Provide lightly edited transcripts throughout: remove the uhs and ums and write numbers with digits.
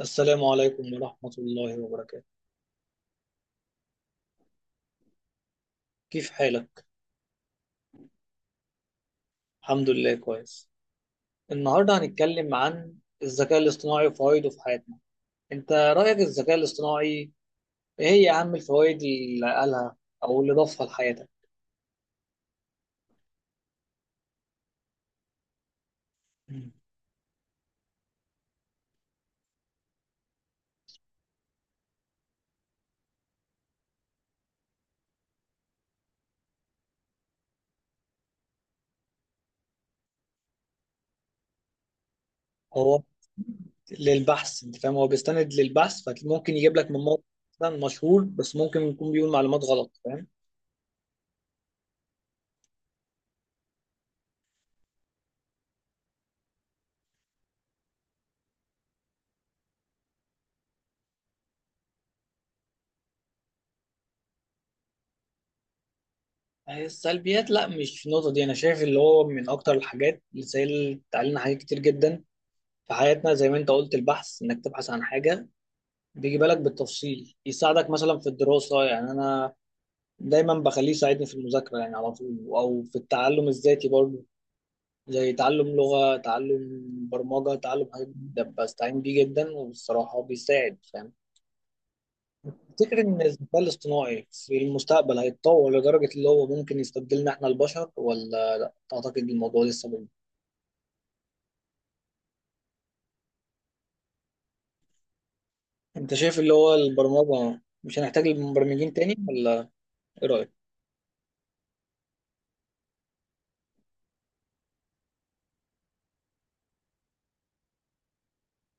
السلام عليكم ورحمة الله وبركاته. كيف حالك؟ الحمد لله كويس. النهاردة هنتكلم عن الذكاء الاصطناعي وفوائده في حياتنا. انت رأيك الذكاء الاصطناعي، ايه هي اهم الفوائد اللي قالها او اللي ضافها لحياتك؟ مم. هو للبحث، انت فاهم، هو بيستند للبحث فممكن يجيب لك من موقع مثلا مشهور، بس ممكن يكون بيقول معلومات غلط، فاهم؟ هي السلبيات، لا مش في النقطة دي، أنا شايف اللي هو من أكتر الحاجات اللي سهلت علينا حاجات كتير جدا في حياتنا. زي ما انت قلت البحث، انك تبحث عن حاجه بيجي بالك بالتفصيل، يساعدك مثلا في الدراسه، يعني انا دايما بخليه يساعدني في المذاكره يعني على طول، او في التعلم الذاتي برضه، زي تعلم لغه، تعلم برمجه، تعلم حاجات جديدة، بستعين بيه جدا وبصراحه بيساعد، فاهم. افتكر ان الذكاء الاصطناعي في المستقبل هيتطور لدرجه اللي هو ممكن يستبدلنا احنا البشر، ولا تعتقد الموضوع لسه بعيد؟ انت شايف اللي هو البرمجه مش هنحتاج المبرمجين تاني، ولا ايه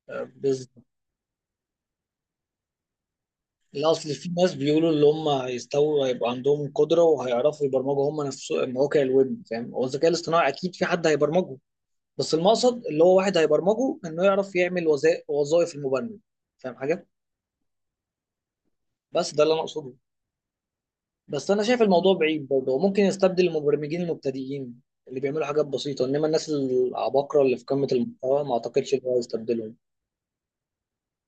رايك؟ لا، اصل في ناس بيقولوا اللي هم هيستووا هيبقى عندهم قدره وهيعرفوا يبرمجوا هم نفسهم مواقع الويب، فاهم. هو الذكاء الاصطناعي اكيد في حد هيبرمجه، بس المقصد اللي هو واحد هيبرمجه انه يعرف يعمل وظائف المبرمج، فاهم حاجه؟ بس ده اللي انا اقصده. بس انا شايف الموضوع بعيد برضه، هو ممكن يستبدل المبرمجين المبتدئين اللي بيعملوا حاجات بسيطه، انما الناس العباقره اللي في قمه المحتوى ما اعتقدش ان هو يستبدلهم.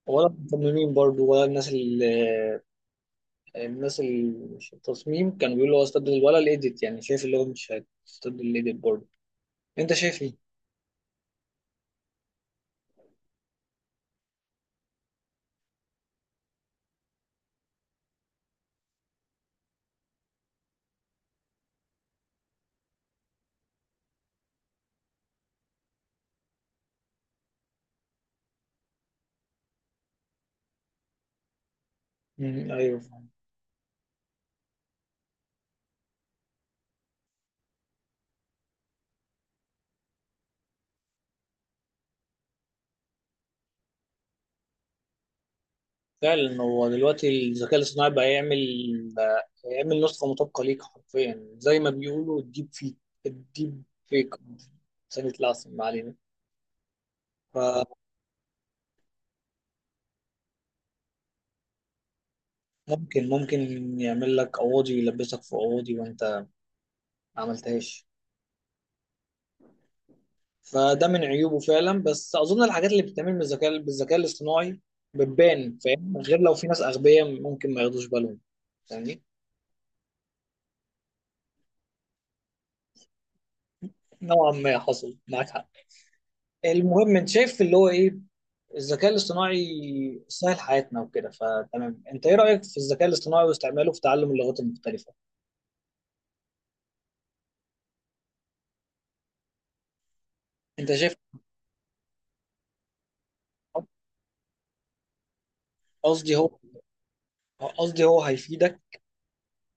ولا المصممين برضه، ولا الناس اللي في التصميم كانوا بيقولوا هو استبدل ولا الايديت، يعني شايف اللي هو مش هيستبدل الايديت برضه. انت شايف ايه؟ مم، ايوه فاهم. فعلا هو دلوقتي الذكاء الاصطناعي بقى يعمل نسخة مطابقة ليك حرفيا زي ما بيقولوا الديب فيك. سنة العسل، ما علينا. فممكن يعمل لك قواضي، يلبسك في قواضي وانت ما عملتهاش. فده من عيوبه فعلا، بس اظن الحاجات اللي بتتعمل بالذكاء الاصطناعي بتبان، فاهم، غير لو في ناس اغبياء ممكن ما ياخدوش بالهم يعني. نوعا ما حصل معاك حق. المهم، انت شايف اللي هو ايه، الذكاء الاصطناعي سهل حياتنا وكده، فتمام. انت ايه رايك في الذكاء الاصطناعي واستعماله في تعلم اللغات المختلفه؟ انت شايف، قصدي هو قصدي هو هيفيدك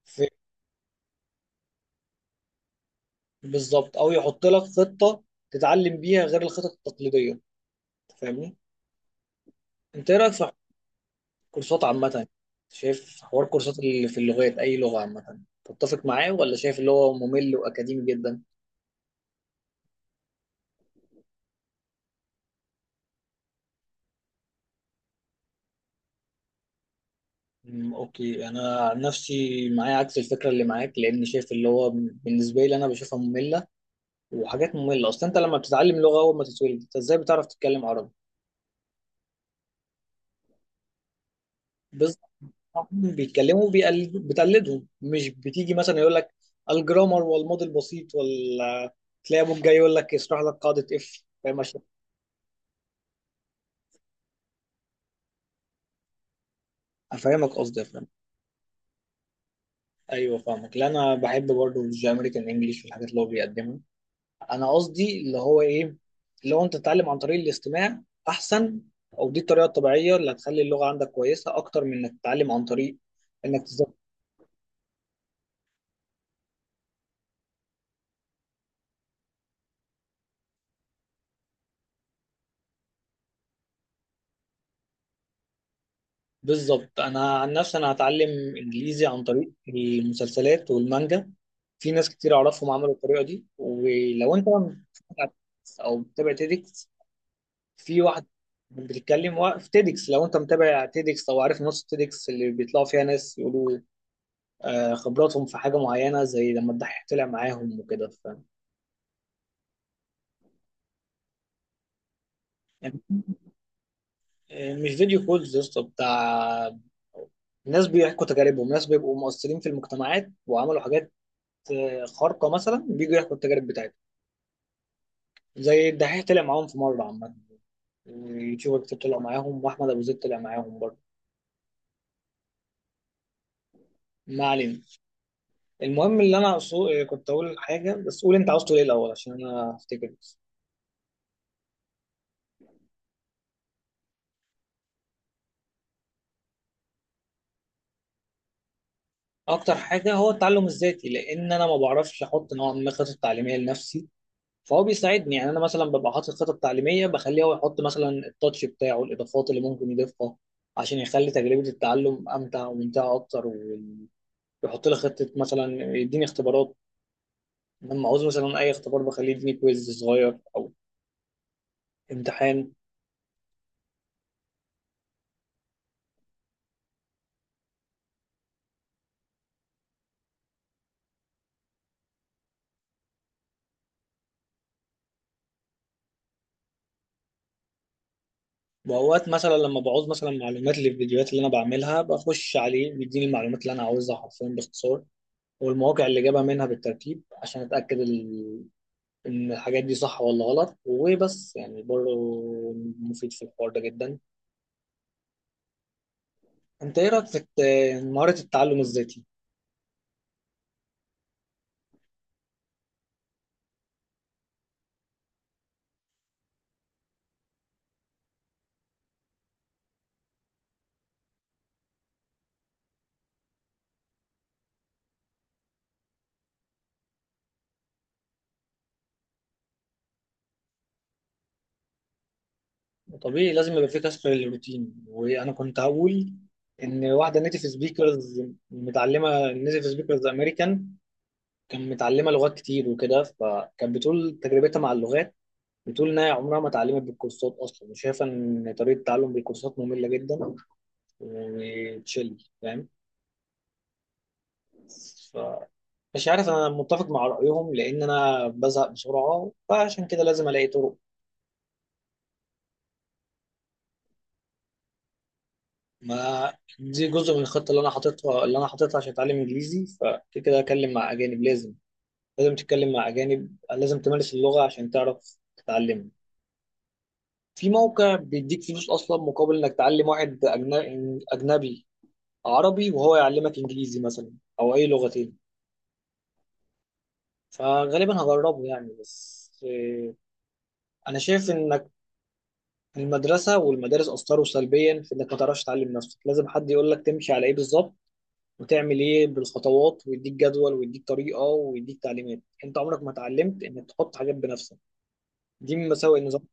في، بالظبط، او يحط لك خطه تتعلم بيها غير الخطط التقليديه، فاهمني. انت ايه رايك في كورسات عامة، شايف حوار كورسات اللي في اللغات، أي لغة عامة، تتفق معاه ولا شايف اللي هو ممل وأكاديمي جدا؟ أوكي أنا عن نفسي معايا عكس الفكرة اللي معاك، لأن شايف اللي هو بالنسبة لي أنا بشوفها مملة، وحاجات مملة أصلا. أنت لما بتتعلم لغة، أول ما تتولد أنت إزاي بتعرف تتكلم عربي؟ بالظبط. هم بيتكلموا بتقلدهم، مش بتيجي مثلا يقول لك الجرامر والماضي البسيط، ولا تلاقي أبوك جاي يقول لك اشرح لك قاعدة إف، فاهم، أفهمك، قصدي أفهمك. ايوه فاهمك، لا انا بحب برضه الجي امريكان انجلش والحاجات اللي هو بيقدمها. انا قصدي اللي هو ايه، اللي هو انت تتعلم عن طريق الاستماع احسن، او دي الطريقه الطبيعيه اللي هتخلي اللغه عندك كويسه اكتر من انك تتعلم عن طريق انك تذاكر. بالظبط، انا عن نفسي انا هتعلم انجليزي عن طريق المسلسلات والمانجا. في ناس كتير اعرفهم عملوا الطريقه دي. ولو انت بتتابع، او بتتابع تيدكس، في واحد بتتكلم في تيدكس. لو انت متابع تيدكس او عارف نص تيدكس اللي بيطلعوا فيها ناس يقولوا خبراتهم في حاجه معينه، زي لما الدحيح طلع معاهم وكده يعني. مش فيديو كولز يا اسطى، بتاع ناس بيحكوا تجاربهم، ناس بيبقوا مؤثرين في المجتمعات وعملوا حاجات خارقه مثلا، بيجوا يحكوا التجارب بتاعتهم. زي الدحيح طلع معاهم في مره عامه، اليوتيوبر كتير طلع معاهم، واحمد ابو زيد طلع معاهم برضه. ما علينا. المهم اللي انا كنت اقول حاجه، بس قول انت عاوز تقول ايه الاول عشان انا افتكر بس. اكتر حاجه هو التعلم الذاتي، لان انا ما بعرفش احط نوع من الخطط التعليميه لنفسي، فهو بيساعدني. يعني انا مثلا ببقى حاطط خطط تعليميه بخليه هو يحط مثلا التاتش بتاعه، الاضافات اللي ممكن يضيفها عشان يخلي تجربه التعلم امتع وممتعه اكتر. ويحط لي خطه مثلا، يديني اختبارات. لما عاوز مثلا اي اختبار بخليه يديني كويز صغير او امتحان. واوقات مثلا لما بعوز مثلا معلومات للفيديوهات اللي انا بعملها، بخش عليه، بيديني المعلومات اللي انا عاوزها حرفيا باختصار، والمواقع اللي جابها منها بالترتيب عشان اتاكد ان الحاجات دي صح ولا غلط. وبس يعني برضه مفيد في الحوار ده جدا. انت ايه رايك في مهاره التعلم الذاتي؟ طبيعي لازم يبقى في كسر للروتين. وانا كنت هقول ان واحده نيتيف سبيكرز متعلمه، نيتيف سبيكرز امريكان، كان متعلمه لغات كتير وكده، فكانت بتقول تجربتها مع اللغات. بتقول انها عمرها ما اتعلمت بالكورسات اصلا، وشايفه ان طريقه التعلم بالكورسات ممله جدا وتشيل، فاهم. ف مش عارف انا متفق مع رايهم، لان انا بزهق بسرعه فعشان كده لازم الاقي طرق. ما دي جزء من الخطه اللي انا حاططها عشان اتعلم انجليزي. فكده كده اكلم مع اجانب، لازم، لازم تتكلم مع اجانب، لازم تمارس اللغه عشان تعرف تتعلم. في موقع بيديك فلوس اصلا مقابل انك تعلم واحد اجنبي عربي وهو يعلمك انجليزي مثلا، او اي لغتين. فغالبا هجربه يعني بس، انا شايف انك المدرسه والمدارس اثروا سلبيا في انك ما تعرفش تعلم نفسك، لازم حد يقول لك تمشي على ايه بالظبط، وتعمل ايه بالخطوات، ويديك جدول ويديك طريقه ويديك تعليمات. انت عمرك ما اتعلمت انك تحط حاجات بنفسك، دي من مساوئ النظام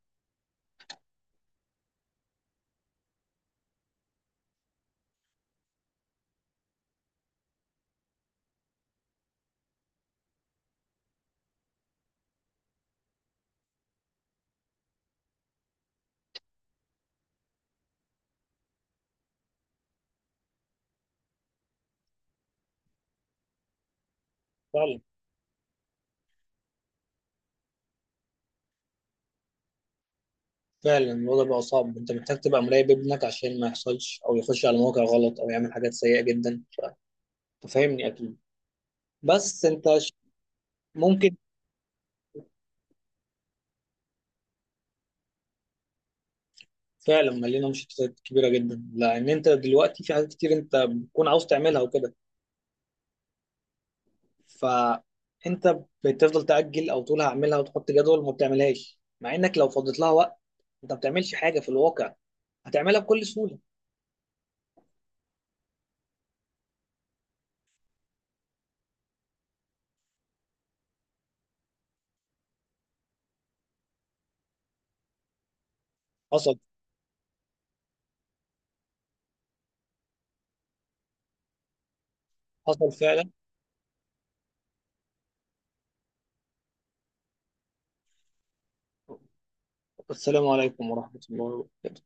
فعلا. فعلا الوضع بقى صعب، انت محتاج تبقى مراقب ابنك عشان ما يحصلش او يخش على مواقع غلط او يعمل حاجات سيئه جدا، فاهمني اكيد. بس انت ممكن. فعلا مليانه مشتتات كبيره جدا، لان انت دلوقتي في حاجات كتير انت بتكون عاوز تعملها وكده. فانت بتفضل تاجل او تقول هعملها وتحط جدول وما بتعملهاش، مع انك لو فضيت لها وقت انت ما بتعملش حاجه في الواقع، هتعملها بكل سهوله. حصل حصل فعلا. السلام عليكم ورحمه الله وبركاته.